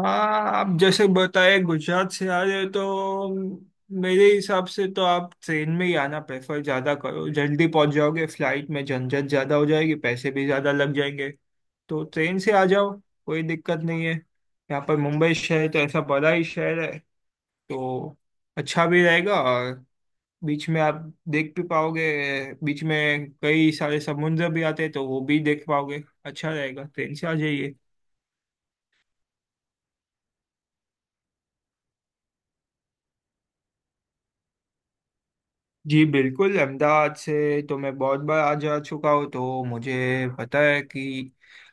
हाँ। आप जैसे बताए गुजरात से आ रहे हो तो मेरे हिसाब से तो आप ट्रेन में ही आना प्रेफर ज्यादा करो, जल्दी पहुंच जाओगे। फ्लाइट में झंझट ज्यादा हो जाएगी, पैसे भी ज्यादा लग जाएंगे, तो ट्रेन से आ जाओ। कोई दिक्कत नहीं है, यहाँ पर मुंबई शहर तो ऐसा बड़ा ही शहर है तो अच्छा भी रहेगा। और बीच में आप देख भी पाओगे, बीच में कई सारे समुद्र भी आते हैं तो वो भी देख पाओगे, अच्छा रहेगा, ट्रेन से आ जाइए। जी बिल्कुल, अहमदाबाद से तो मैं बहुत बार आ जा चुका हूँ तो मुझे पता है कि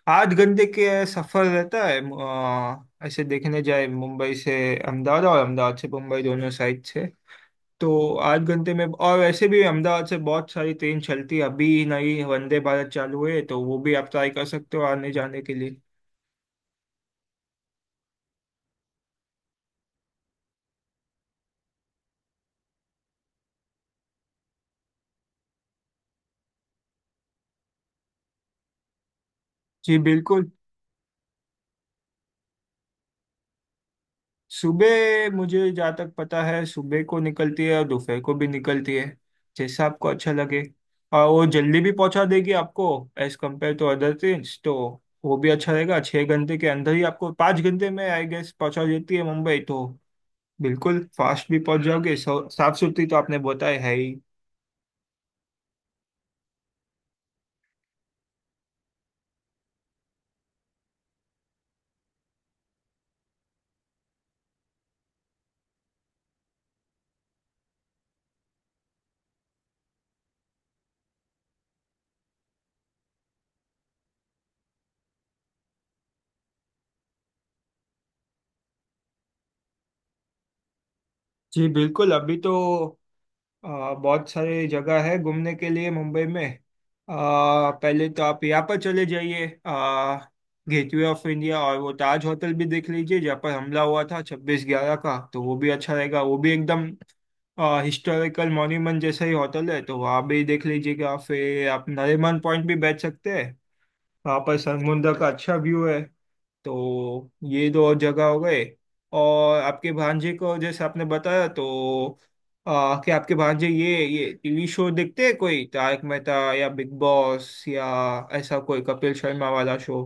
आठ घंटे के सफ़र रहता है, ऐसे देखने जाए मुंबई से अहमदाबाद और अहमदाबाद से मुंबई दोनों साइड से। तो आठ घंटे में। और वैसे भी अहमदाबाद से बहुत सारी ट्रेन चलती है, अभी नई वंदे भारत चालू है तो वो भी आप ट्राई कर सकते हो आने जाने के लिए। जी बिल्कुल। सुबह, मुझे जहाँ तक पता है, सुबह को निकलती है और दोपहर को भी निकलती है, जैसा आपको अच्छा लगे। और वो जल्दी भी पहुंचा देगी आपको as compared to other train, तो वो भी अच्छा रहेगा। छः घंटे के अंदर ही आपको, पाँच घंटे में आई गेस पहुंचा देती है मुंबई, तो बिल्कुल फास्ट भी पहुंच जाओगे। साफ सुथरी तो आपने बताया है ही। जी बिल्कुल। अभी तो बहुत सारी जगह है घूमने के लिए मुंबई में। पहले तो आप यहाँ पर चले जाइए, गेटवे ऑफ इंडिया और वो ताज होटल भी देख लीजिए जहाँ पर हमला हुआ था छब्बीस ग्यारह का, तो वो भी अच्छा रहेगा। वो भी एकदम हिस्टोरिकल मॉन्यूमेंट जैसा ही होटल है तो वहाँ भी देख लीजिएगा। फिर आप नरीमन पॉइंट भी बैठ सकते हैं, वहाँ पर समुद्र का अच्छा व्यू है। तो ये दो जगह हो गए। और आपके भांजे को, जैसे आपने बताया, तो कि आपके भांजे ये टीवी शो देखते हैं कोई, तारक मेहता या बिग बॉस या ऐसा कोई कपिल शर्मा वाला शो।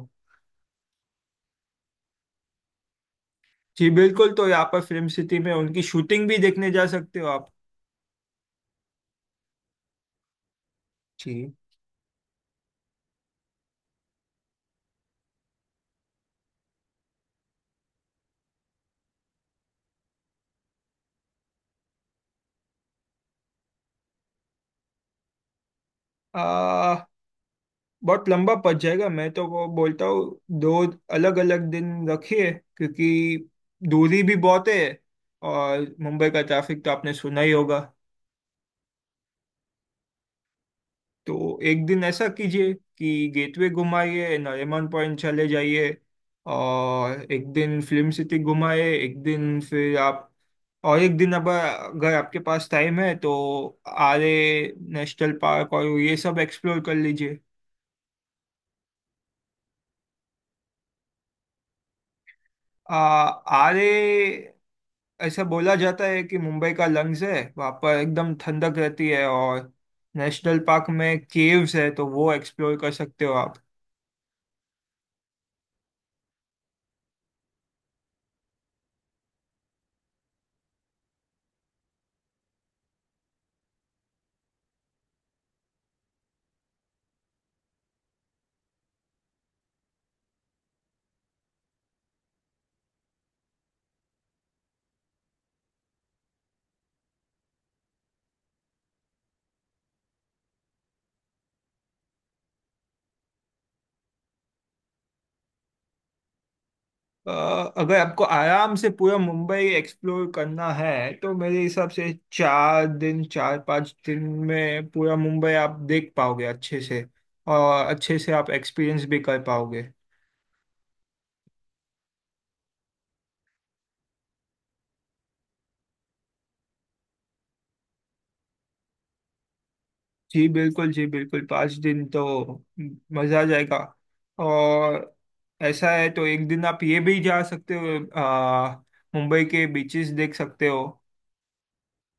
जी बिल्कुल, तो यहाँ पर फिल्म सिटी में उनकी शूटिंग भी देखने जा सकते हो आप। जी। आ, बहुत लंबा पड़ जाएगा, मैं तो वो बोलता हूँ दो अलग अलग दिन रखिए, क्योंकि दूरी भी बहुत है और मुंबई का ट्रैफिक तो आपने सुना ही होगा। तो एक दिन ऐसा कीजिए कि गेटवे घुमाइए, नरीमन पॉइंट चले जाइए। और एक दिन फिल्म सिटी घुमाए एक दिन, फिर आप, और एक दिन, अब अगर आपके पास टाइम है तो आरे नेशनल पार्क और ये सब एक्सप्लोर कर लीजिए। आ, आरे, ऐसा बोला जाता है कि मुंबई का लंग्स है, वहाँ पर एकदम ठंडक रहती है। और नेशनल पार्क में केव्स है तो वो एक्सप्लोर कर सकते हो आप। अ, अगर आपको आराम से पूरा मुंबई एक्सप्लोर करना है तो मेरे हिसाब से चार दिन, चार पांच दिन में पूरा मुंबई आप देख पाओगे अच्छे से, और अच्छे से आप एक्सपीरियंस भी कर पाओगे। जी बिल्कुल, जी बिल्कुल। पाँच दिन तो मज़ा आ जाएगा। और ऐसा है तो एक दिन आप ये भी जा सकते हो, मुंबई के बीचेस देख सकते हो।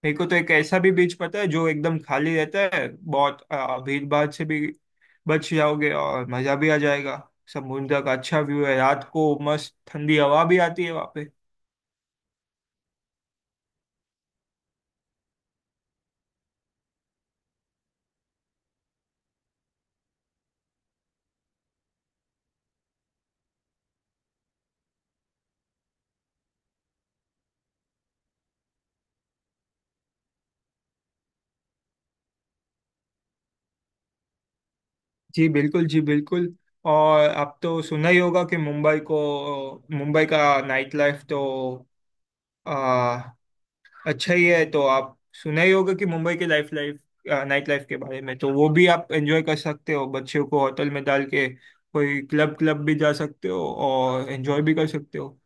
मेरे को तो एक ऐसा भी बीच पता है जो एकदम खाली रहता है, बहुत भीड़ भाड़ से भी बच जाओगे और मजा भी आ जाएगा। समुद्र का अच्छा व्यू है, रात को मस्त ठंडी हवा भी आती है वहाँ पे। जी बिल्कुल, जी बिल्कुल। और आप तो सुना ही होगा कि मुंबई को, मुंबई का नाइट लाइफ तो अच्छा ही है। तो आप सुना ही होगा कि मुंबई के लाइफ लाइफ नाइट लाइफ के बारे में। तो वो भी आप एंजॉय कर सकते हो बच्चों को होटल में डाल के। कोई क्लब क्लब भी जा सकते हो और एंजॉय भी कर सकते हो।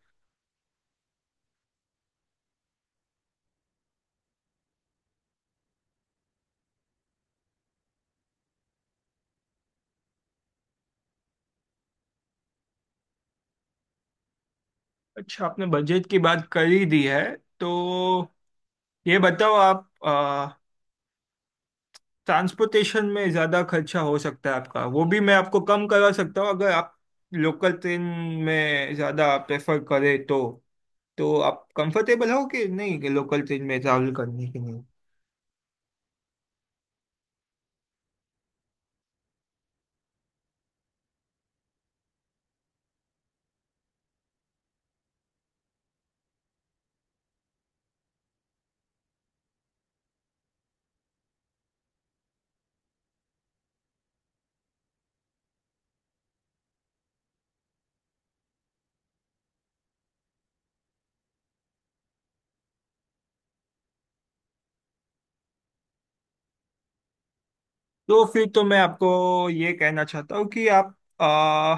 अच्छा, आपने बजट की बात कर ही दी है, तो ये बताओ आप, ट्रांसपोर्टेशन में ज़्यादा खर्चा हो सकता है आपका, वो भी मैं आपको कम करवा सकता हूँ अगर आप लोकल ट्रेन में ज़्यादा प्रेफर करें तो। तो आप कंफर्टेबल हो कि नहीं, कि लोकल ट्रेन में ट्रैवल करने के लिए? तो फिर तो मैं आपको ये कहना चाहता हूँ कि आप आ,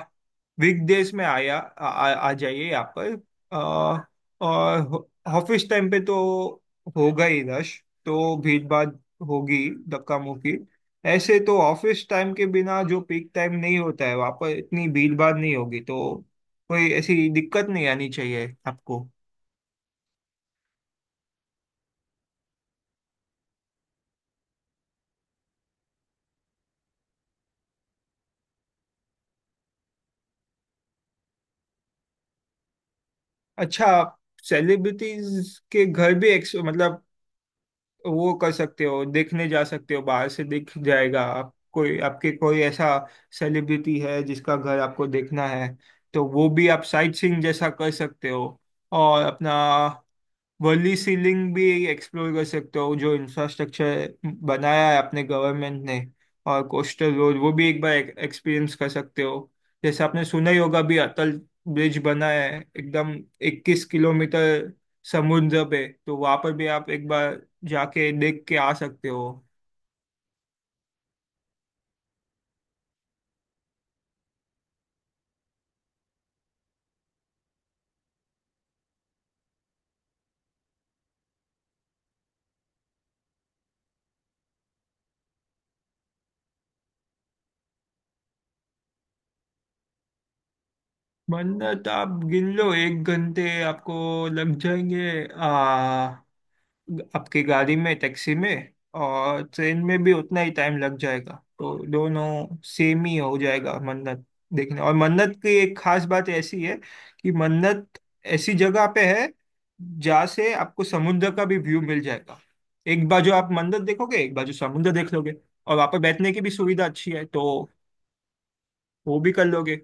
वीकडेज में आया आ, आ आ जाइए यहाँ पर। आ, और ऑफिस टाइम पे तो होगा ही रश, तो भीड़ भाड़ होगी, धक्का मुक्की। ऐसे तो ऑफिस टाइम के बिना जो पीक टाइम नहीं होता है, वहाँ पर इतनी भीड़ भाड़ नहीं होगी, तो कोई ऐसी दिक्कत नहीं आनी चाहिए आपको। अच्छा, सेलिब्रिटीज के घर भी मतलब, वो कर सकते हो, देखने जा सकते हो, बाहर से दिख जाएगा। आप, कोई आपके कोई ऐसा सेलिब्रिटी है जिसका घर आपको देखना है तो वो भी आप साइट सीइंग जैसा कर सकते हो। और अपना वर्ली सीलिंग भी एक्सप्लोर कर सकते हो, जो इंफ्रास्ट्रक्चर बनाया है अपने गवर्नमेंट ने। और कोस्टल रोड, वो भी एक बार एक्सपीरियंस कर सकते हो। जैसे आपने सुना ही होगा भी, अटल ब्रिज बना है, एकदम 21 किलोमीटर समुद्र पे, तो वहां पर भी आप एक बार जाके देख के आ सकते हो। मन्नत, आप गिन लो एक घंटे आपको लग जाएंगे आ आपकी गाड़ी में, टैक्सी में और ट्रेन में भी उतना ही टाइम लग जाएगा, तो दोनों सेम ही हो जाएगा। मन्नत देखने, और मन्नत की एक खास बात ऐसी है कि मन्नत ऐसी जगह पे है जहाँ से आपको समुद्र का भी व्यू मिल जाएगा। एक बाजू आप मन्नत देखोगे, एक बाजू समुद्र देख लोगे। और वहाँ पे बैठने की भी सुविधा अच्छी है तो वो भी कर लोगे।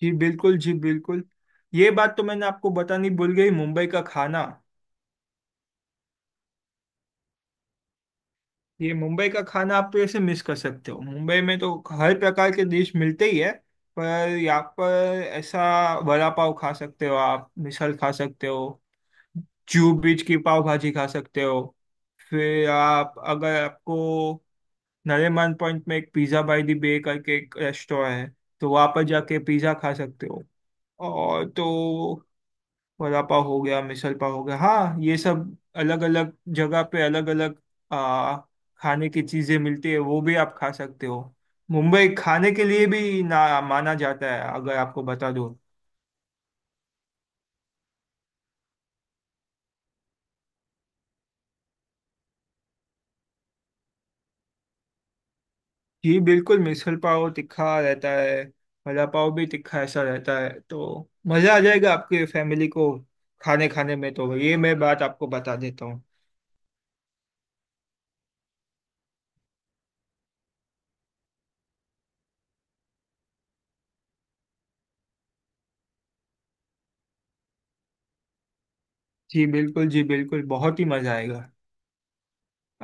जी बिल्कुल, जी बिल्कुल। ये बात तो मैंने आपको बतानी भूल गई, मुंबई का खाना। ये मुंबई का खाना आप तो ऐसे मिस कर सकते हो। मुंबई में तो हर प्रकार के डिश मिलते ही है, पर यहाँ पर ऐसा वड़ा पाव खा सकते हो आप, मिसल खा सकते हो, जू बीच की पाव भाजी खा सकते हो। फिर आप, अगर आपको नरेमन पॉइंट में, एक पिज़्ज़ा बाई दी बे करके एक रेस्टोरेंट है, तो वहाँ पर जाके पिज़्ज़ा खा सकते हो। और तो, वड़ा पाव हो गया, मिसल पाव हो गया, हाँ ये सब अलग अलग जगह पे अलग अलग आ खाने की चीजें मिलती है, वो भी आप खा सकते हो। मुंबई खाने के लिए भी ना माना जाता है, अगर आपको बता दूं। जी बिल्कुल, मिसल पाव तिखा रहता है, वड़ा पाव भी तिखा ऐसा रहता है, तो मजा आ जाएगा आपके फैमिली को खाने खाने में, तो ये मैं बात आपको बता देता हूँ। जी बिल्कुल, जी बिल्कुल, बहुत ही मजा आएगा।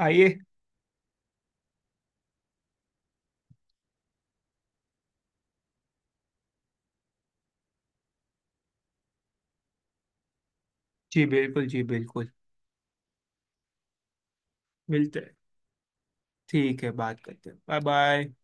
आइए। जी बिल्कुल, जी बिल्कुल। मिलते हैं। ठीक है, बात करते हैं। Bye bye.